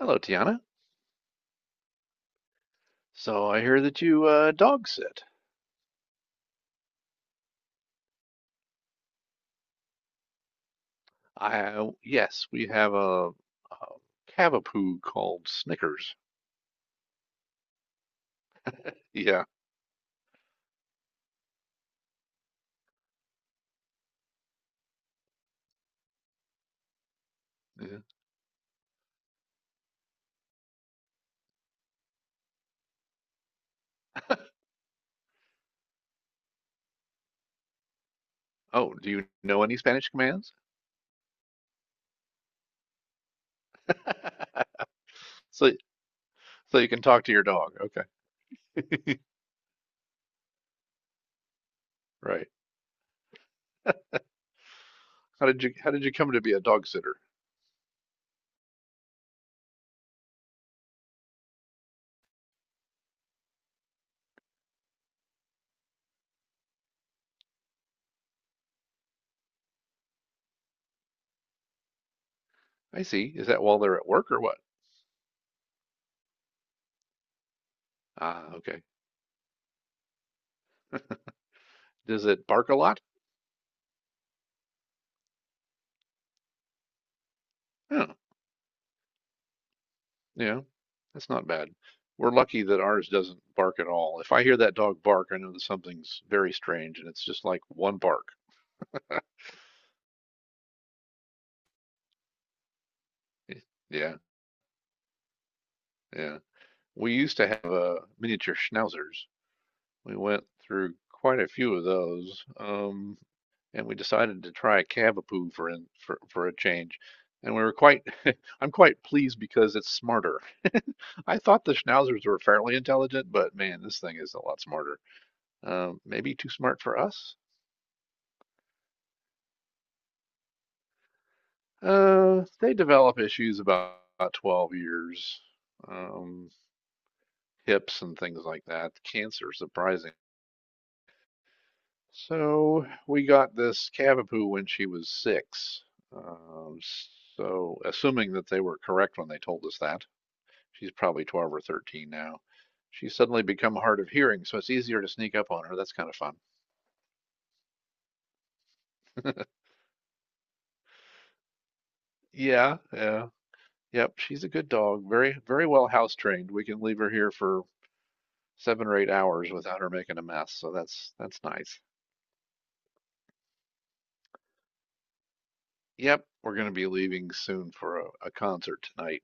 Hello, Tiana. So I hear that you dog sit. I Yes, we have a cavapoo called Snickers. Yeah. Yeah. Oh, do you know any Spanish commands? So so you can talk to your dog. Okay. Right. How did you come to be a dog sitter? I see. Is that while they're at work or what? Ah, okay. Does it bark a lot? Huh. Yeah, that's not bad. We're lucky that ours doesn't bark at all. If I hear that dog bark, I know that something's very strange, and it's just like one bark. Eh, yeah, yeah. We used to have miniature schnauzers. We went through quite a few of those, and we decided to try a cavapoo for in, for for a change. And we were quite, I'm quite pleased because it's smarter. I thought the schnauzers were fairly intelligent, but man, this thing is a lot smarter. Maybe too smart for us. They develop issues about 12 years, um, hips and things like that. Cancer, surprising. So we got this cavapoo when she was six. Um, so assuming that they were correct when they told us that, she's probably 12 or 13 now. She's suddenly become hard of hearing, so it's easier to sneak up on her. That's kind of fun. Yeah, yeah, yep. She's a good dog. Very, very well house trained. We can leave her here for 7 or 8 hours without her making a mess. So that's nice. Yep, we're going to be leaving soon for a concert tonight,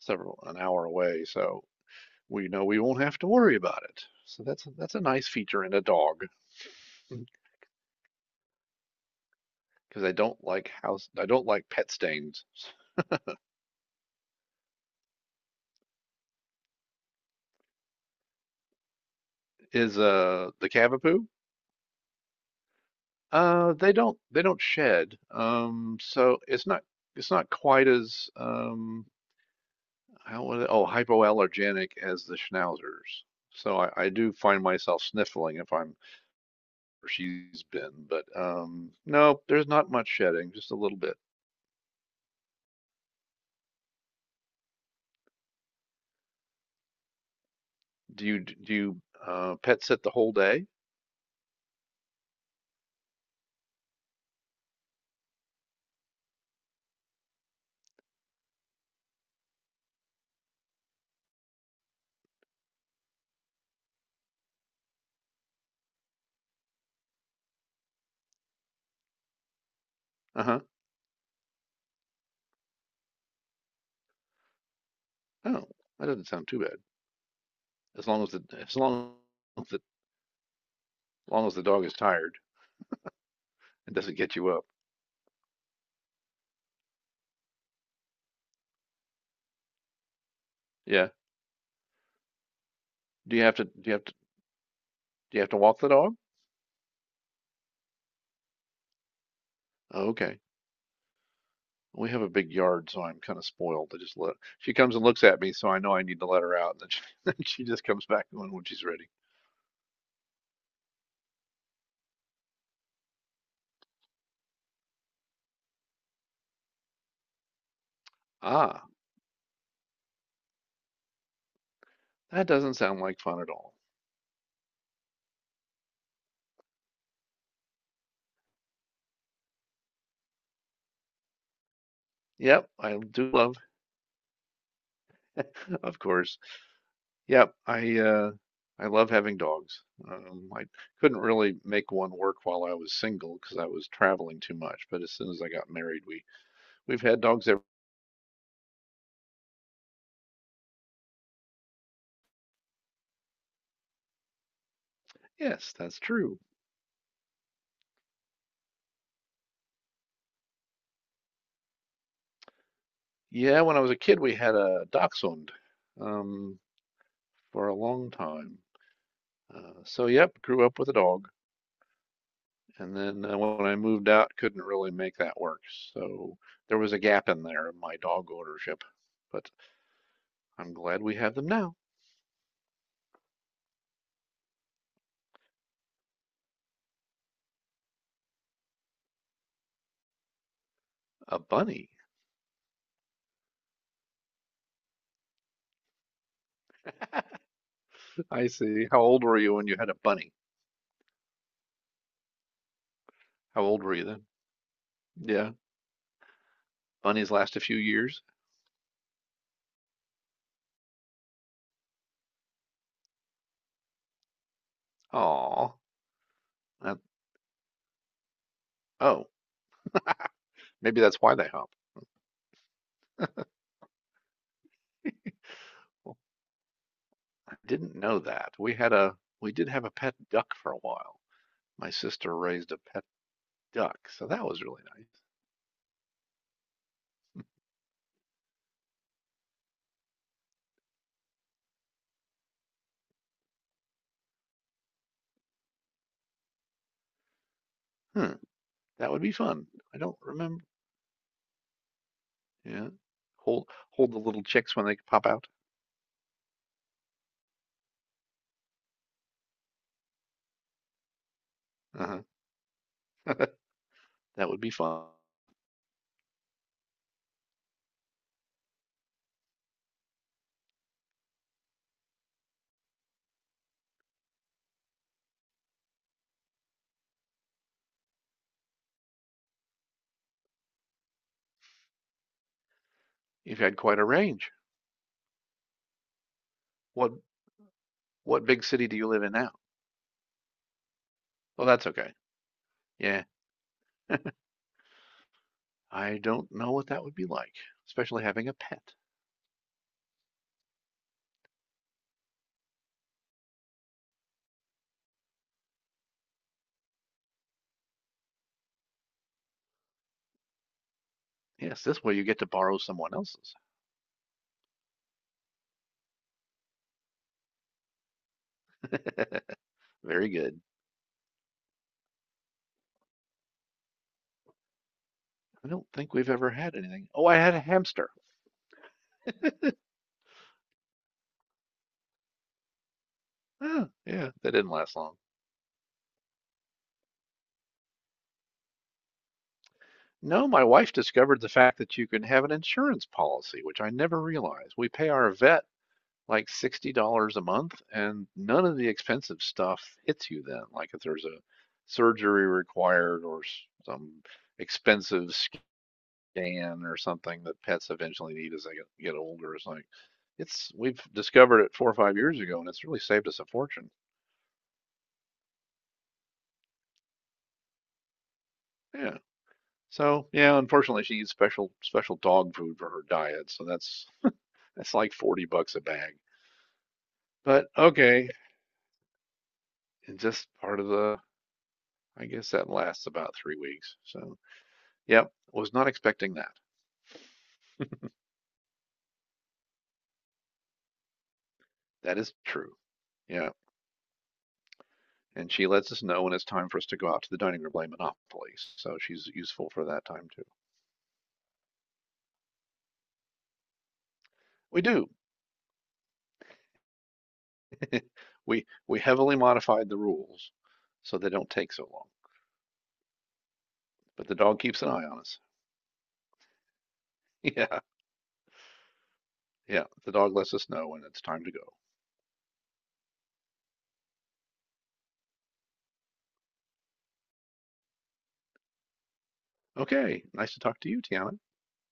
several an hour away. So we know we won't have to worry about it. So that's a nice feature in a dog because I don't like pet stains. Is the cavapoo? They don't shed. So it's not quite as how was it? Oh, hypoallergenic as the schnauzers. So I do find myself sniffling if I'm or she's been, but no, there's not much shedding, just a little bit. Do you pet sit the whole day? Uh huh. Oh, that doesn't sound too bad. As long as the as long as the, as long as the dog is tired and doesn't get you up. Yeah. Do you have to do you have to do you have to walk the dog? Oh, okay. We have a big yard, so I'm kind of spoiled. I just let She comes and looks at me, so I know I need to let her out. And then she, then she just comes back when she's ready. Ah, that doesn't sound like fun at all. Yep, I do love, of course. Yep, I love having dogs. I couldn't really make one work while I was single because I was traveling too much. But as soon as I got married, we've had dogs ever. Yes, that's true. Yeah, when I was a kid, we had a dachshund um, for a long time. Uh, so yep, grew up with a dog, and then when I moved out, couldn't really make that work. So there was a gap in there in my dog ownership, but I'm glad we have them now. A bunny. I see. How old were you when you had a bunny? How old were you then? Yeah, bunnies last a few years. Aw, that, oh, maybe that's why they hop. Well, I didn't know that. We had a we did have a pet duck for a while. My sister raised a pet duck, so that was really nice. Hmm, that would be fun. I don't remember. Yeah. Hold the little chicks when they pop out. Uh-huh. That would be fun. You've had quite a range. What what big city do you live in now? Oh, that's okay. Yeah. I don't know what that would be like, especially having a pet. Yes, this way you get to borrow someone else's. Very good. I don't think we've ever had anything. Oh, I had a hamster. Ah, yeah, that didn't last long. No, my wife discovered the fact that you can have an insurance policy, which I never realized. We pay our vet like $60 a month, and none of the expensive stuff hits you then. Like if there's a surgery required or some expensive scan or something that pets eventually need as they get older, it's like it's we've discovered it 4 or 5 years ago, and it's really saved us a fortune. Yeah. So yeah, unfortunately, she eats special dog food for her diet, so that's like 40 bucks a bag. But okay, and just part of the. I guess that lasts about 3 weeks. So. Yep. Was not expecting that. That is true. Yeah. And she lets us know when it's time for us to go out to the dining room to play Monopoly. So she's useful for that time too. We do. We heavily modified the rules so they don't take so long. But the dog keeps an eye on us. Yeah, yeah. The dog lets us know when it's time to go. Okay. Nice to talk to you, Tiana.